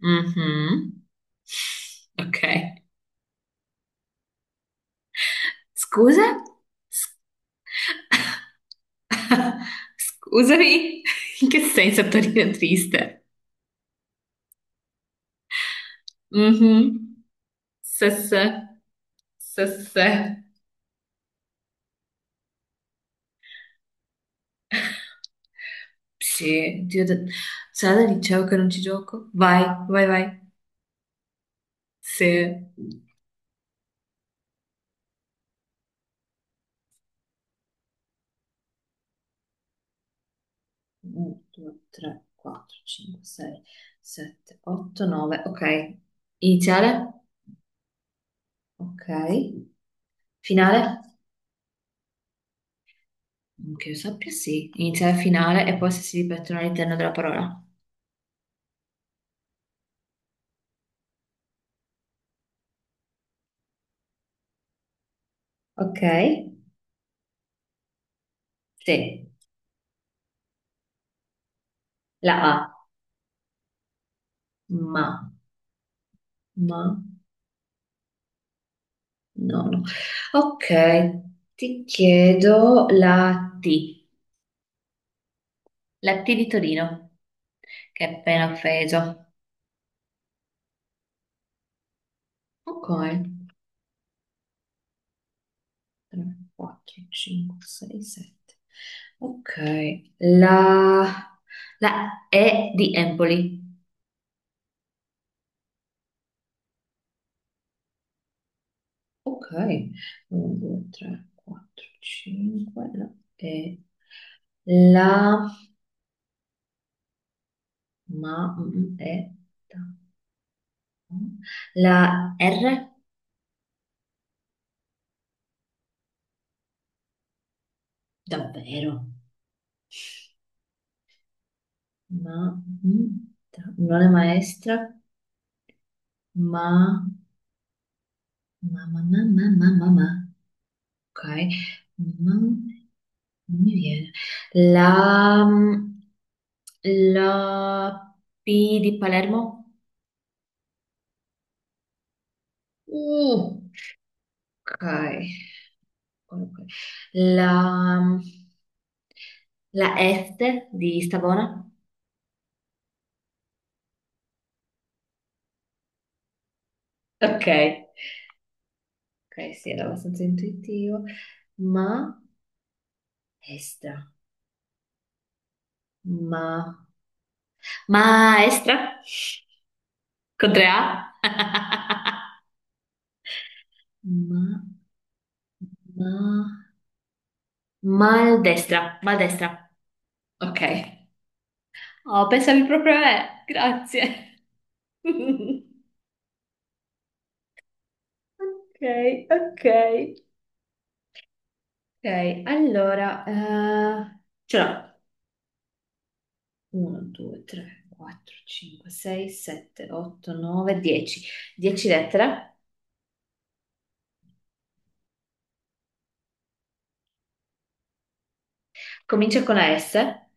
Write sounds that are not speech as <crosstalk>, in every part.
Mhm. Ok. Scusa? <laughs> Scusami? In che senso Torino è triste? Mhm. Sesse. Sesse. Sì, Dio, sarà da liceo che non ci gioco? Vai, vai, vai. Se 1, 2, 3, 4, 5, 6, 7, 8, 9. Ok. Iniziale? Ok. Finale? Che io sappia, sì. Iniziale, finale e poi se si ripetono all'interno della parola. Ok, sì. La A, ma, ma, no, no. Ok, ti chiedo la T di Torino, che è appena offeso. Ok, 3, 4, 5, 6, 7. Ok, la, la E di Empoli. Ok, 1, 2, 3, 4, 5, la E, la, ma, E, ta, mm. la R. Davvero? Ma non è maestra, ma ma. Ok, ma non mi viene. La mm, la P di Palermo? Uh, ok. Ok. La mm, la S di Savona? Ok, ok, sì, era abbastanza intuitivo. Ma estra, ma maestra? Con tre A? Ma, ma, maldestra, maldestra. Ok. Oh, pensavi proprio a me. Grazie. <laughs> Ok, ok. Ok, allora, ce l'ho. 1, 2, 3, 4, 5, 6, 7, 8, 9, 10. 10 lettere. Comincia con la S,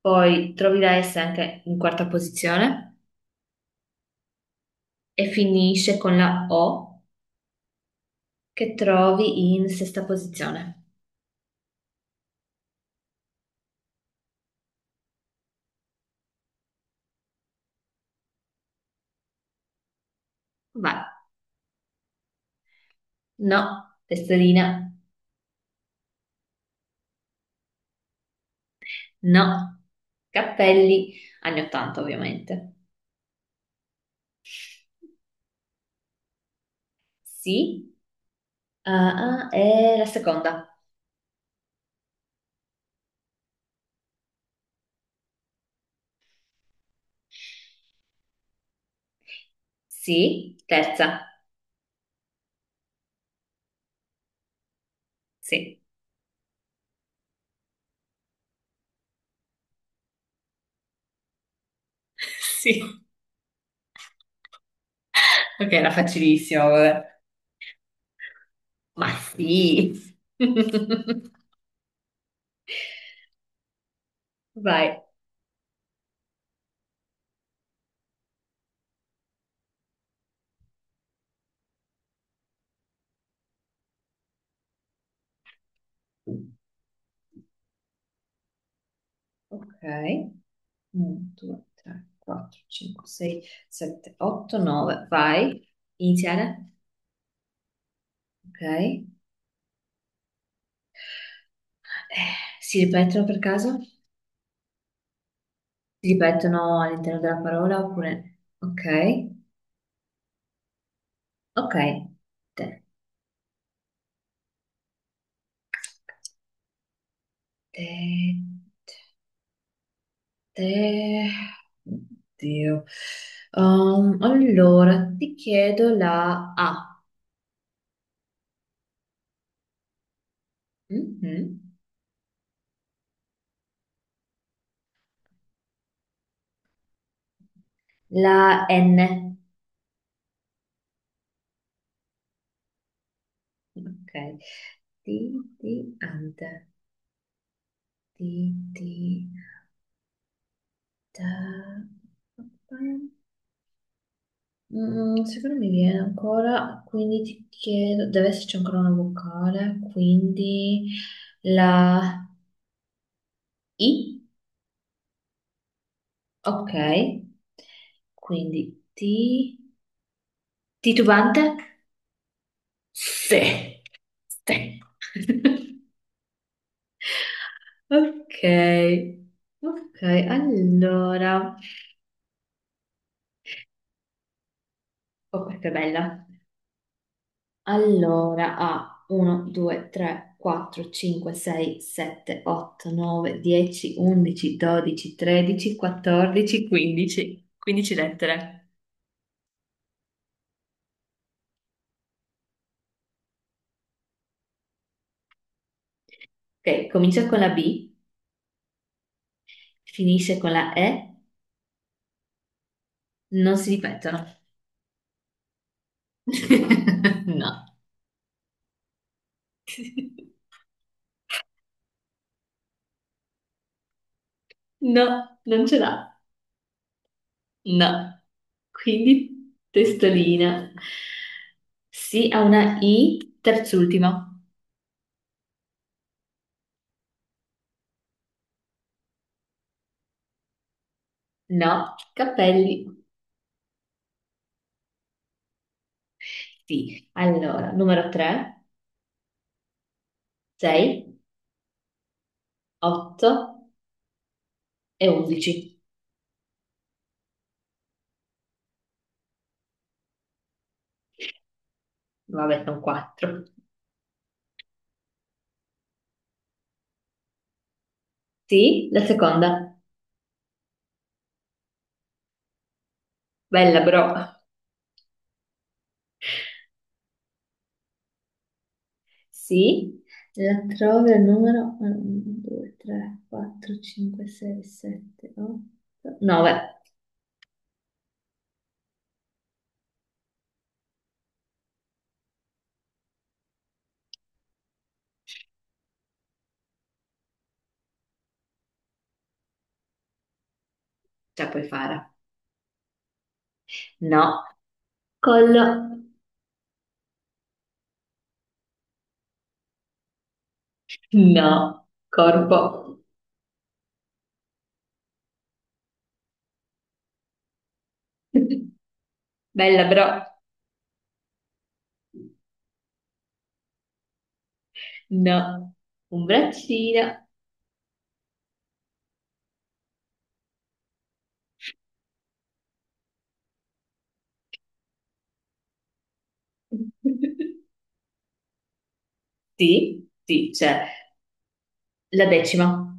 poi trovi la S anche in quarta posizione e finisce con la O che trovi in sesta posizione. Vai. No, testolina, no, cappelli, anni 80 ovviamente. Sì, ah, ah, e la seconda. Sì, terza. Sì, <laughs> sì. Ok, era facilissimo, vabbè. Ma sì. <laughs> Vai. Ok. 1, 2, 3, 4, 5, 6, 7, 8, 9. Vai. Iniziare. Ok. Si ripetono per caso? Si ripetono all'interno della parola oppure? Ok, ok. Te, te, te. Oddio. Allora, ti chiedo la A. Mhm. La N. Ok. Ti, ti, ante. Ti, ti, ta. Secondo me viene ancora, quindi ti chiedo, deve esserci ancora una vocale, quindi la, I, ok. Quindi Titubante? Sì, sì. <laughs> Ok, ok, allora. Oh, questa è bella. Allora, a 1, 2, 3, 4, 5, 6, 7, 8, 9, 10, 11, 12, 13, 14, 15. 15 lettere. Ok, comincia con la B, finisce con la E, non si ripetono. <laughs> No. No, non ce l'ha. No. Quindi testolina. Sì, ha una I, terz'ultima. No, capelli. Sì. Allora, numero 3, 6, 8 e 11. Vabbè, sono 4. Sì, la seconda. Bella, bro. Sì. La trovi al numero 1, 2, 3, 4, 5, 6, 7, 8, 9. Ce la puoi fare. No. Collo. No, corpo. <laughs> Bella però. No, un braccino. <laughs> Sì, sì, c'è la decima.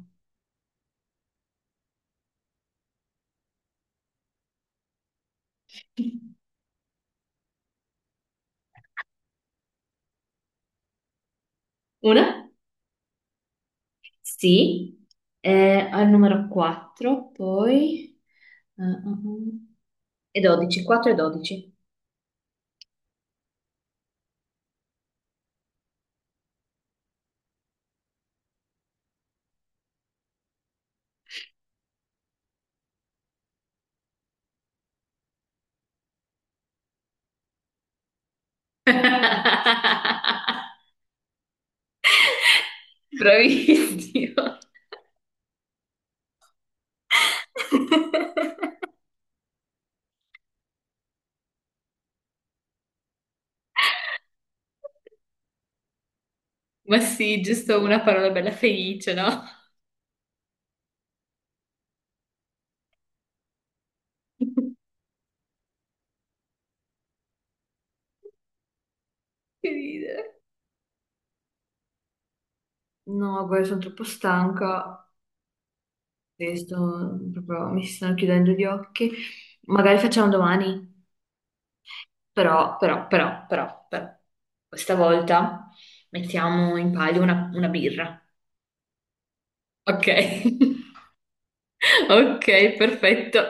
Una? Sì. Al numero 4, poi, eh, eh, E 12, 4 e 12. <laughs> Bravissimo. <laughs> Ma sì, giusto una parola bella felice, no? <laughs> Che ridere. No, guarda, sono troppo stanca e sto proprio, mi si stanno chiudendo gli occhi. Magari facciamo domani, però, però, però, però, però. Questa volta mettiamo in palio una birra. Ok, <laughs> ok, perfetto.